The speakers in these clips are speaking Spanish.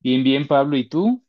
Bien, bien, Pablo, ¿y tú?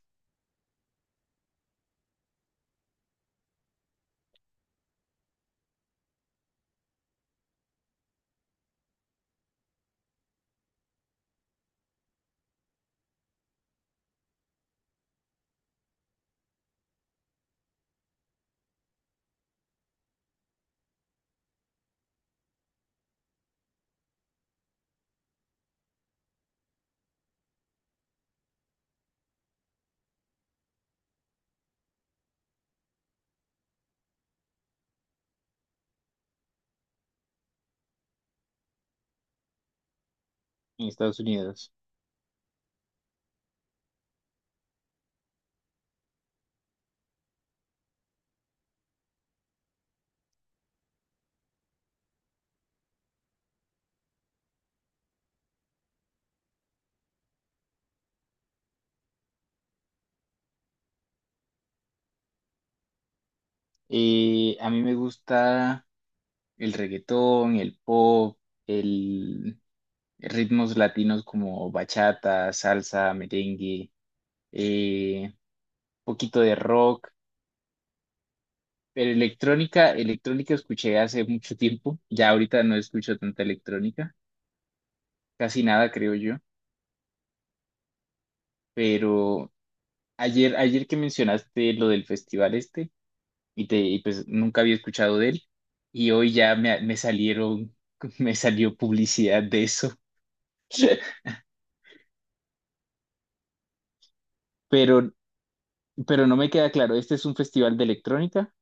En Estados Unidos. A mí me gusta el reggaetón, el pop, el ritmos latinos como bachata, salsa, merengue, eh, poquito de rock, pero electrónica, electrónica escuché hace mucho tiempo, ya ahorita no escucho tanta electrónica, casi nada creo yo, pero ayer que mencionaste lo del festival este, y pues nunca había escuchado de él. Y hoy ya me salieron, me salió publicidad de eso. Pero, pero no me queda claro, ¿este es un festival de electrónica?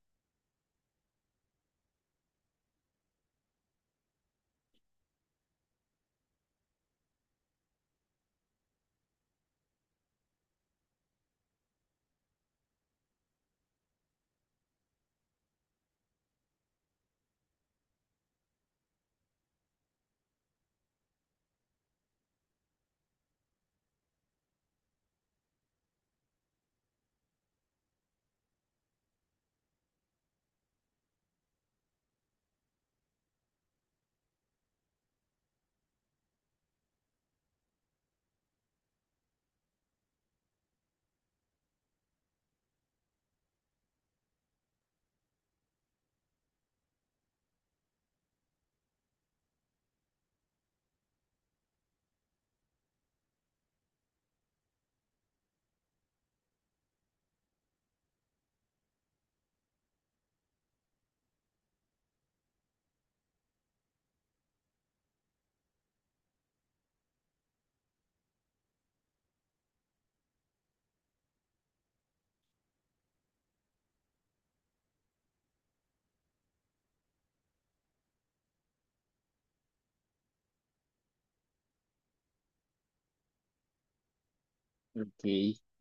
Ok.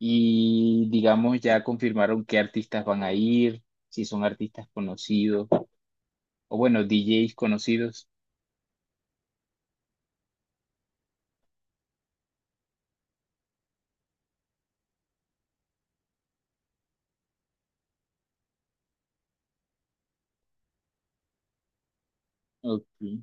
Y digamos, ya confirmaron qué artistas van a ir, si son artistas conocidos, o bueno, DJs conocidos. Ok.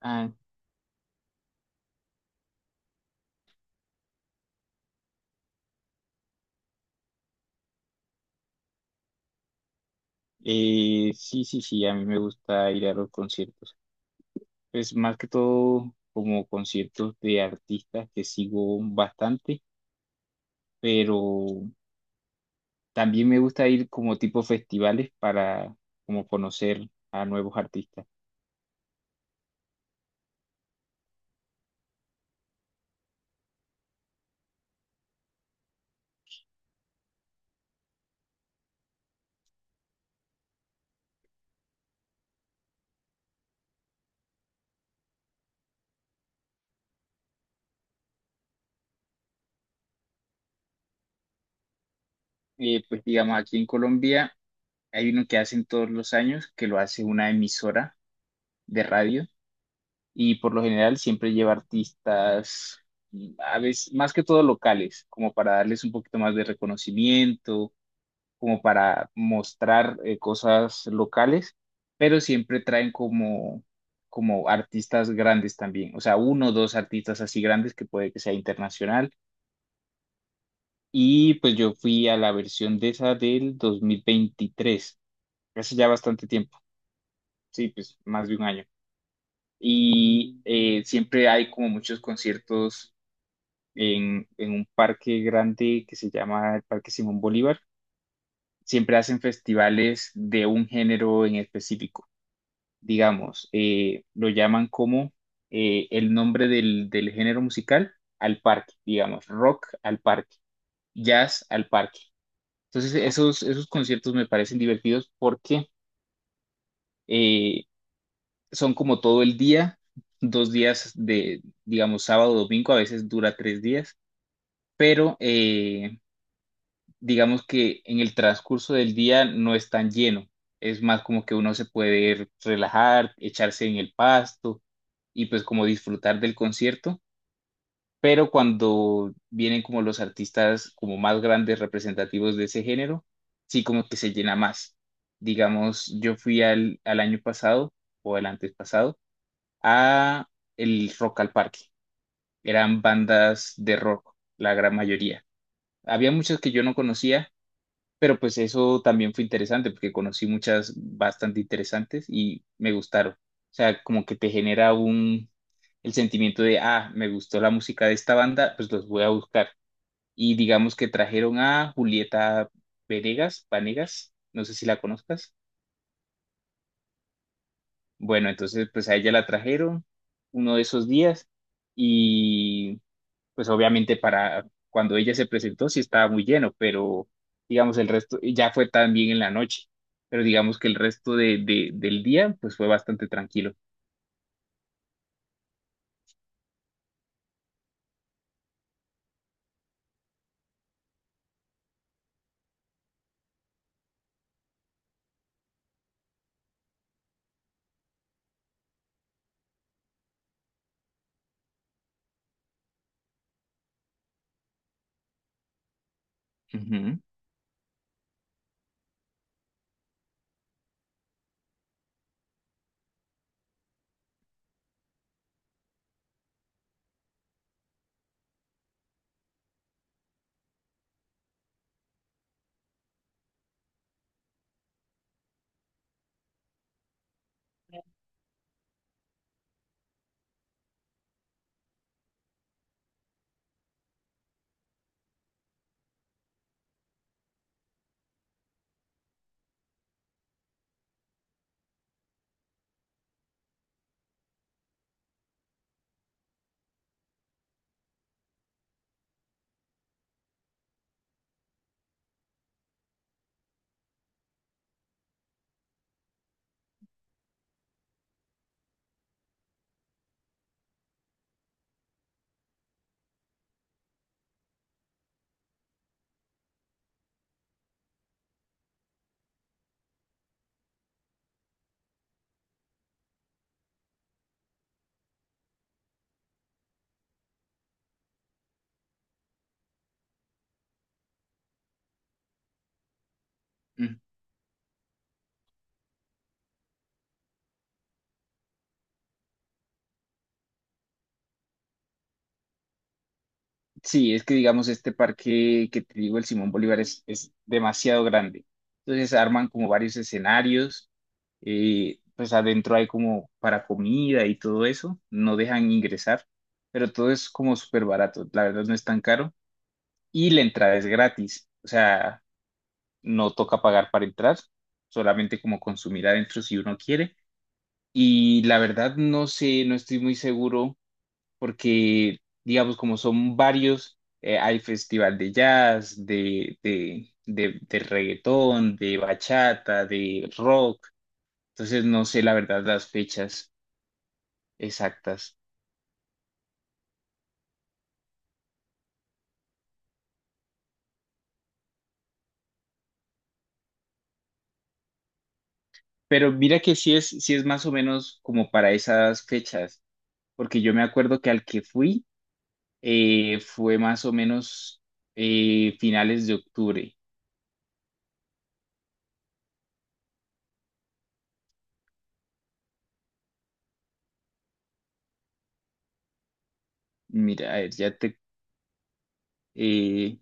Ah, sí, sí, sí, a mí me gusta ir a los conciertos. Es más que todo como conciertos de artistas que sigo bastante. Pero también me gusta ir como tipo festivales para como conocer a nuevos artistas. Pues digamos, aquí en Colombia hay uno que hacen todos los años, que lo hace una emisora de radio y por lo general siempre lleva artistas, a veces más que todo locales, como para darles un poquito más de reconocimiento como para mostrar cosas locales, pero siempre traen como artistas grandes también, o sea, uno o dos artistas así grandes que puede que sea internacional. Y pues yo fui a la versión de esa del 2023, hace ya bastante tiempo, sí, pues más de un año. Y siempre hay como muchos conciertos en un parque grande que se llama el Parque Simón Bolívar. Siempre hacen festivales de un género en específico. Digamos, lo llaman como el nombre del, del género musical al parque, digamos, rock al parque, jazz al parque. Entonces, esos conciertos me parecen divertidos porque eh, son como todo el día, 2 días de, digamos, sábado, domingo, a veces dura 3 días, pero digamos que en el transcurso del día no es tan lleno. Es más como que uno se puede relajar, echarse en el pasto y pues como disfrutar del concierto. Pero cuando vienen como los artistas como más grandes representativos de ese género, sí como que se llena más. Digamos, yo fui al año pasado o el antes pasado a el Rock al Parque. Eran bandas de rock, la gran mayoría. Había muchas que yo no conocía, pero pues eso también fue interesante porque conocí muchas bastante interesantes y me gustaron. O sea, como que te genera un, el sentimiento de, ah, me gustó la música de esta banda, pues los voy a buscar. Y digamos que trajeron a Julieta Venegas, Vanegas, no sé si la conozcas. Bueno, entonces pues a ella la trajeron uno de esos días y pues obviamente para cuando ella se presentó sí estaba muy lleno, pero digamos el resto ya fue también en la noche, pero digamos que el resto del día pues fue bastante tranquilo. Ujú. Mm. Sí, es que digamos este parque que te digo, el Simón Bolívar es demasiado grande. Entonces arman como varios escenarios, pues adentro hay como para comida y todo eso, no dejan ingresar, pero todo es como súper barato, la verdad no es tan caro y la entrada es gratis, o sea, no toca pagar para entrar, solamente como consumir adentro si uno quiere. Y la verdad no sé, no estoy muy seguro porque, digamos, como son varios, hay festival de jazz, de reggaetón, de bachata, de rock. Entonces no sé la verdad las fechas exactas. Pero mira que sí es más o menos como para esas fechas, porque yo me acuerdo que al que fui, fue más o menos finales de octubre. Mira, a ver, ya te... eh,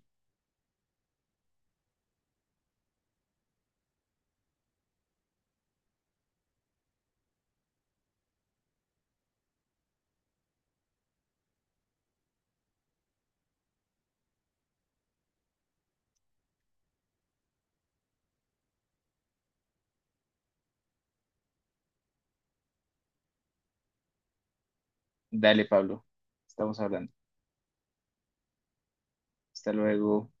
dale, Pablo, estamos hablando. Hasta luego.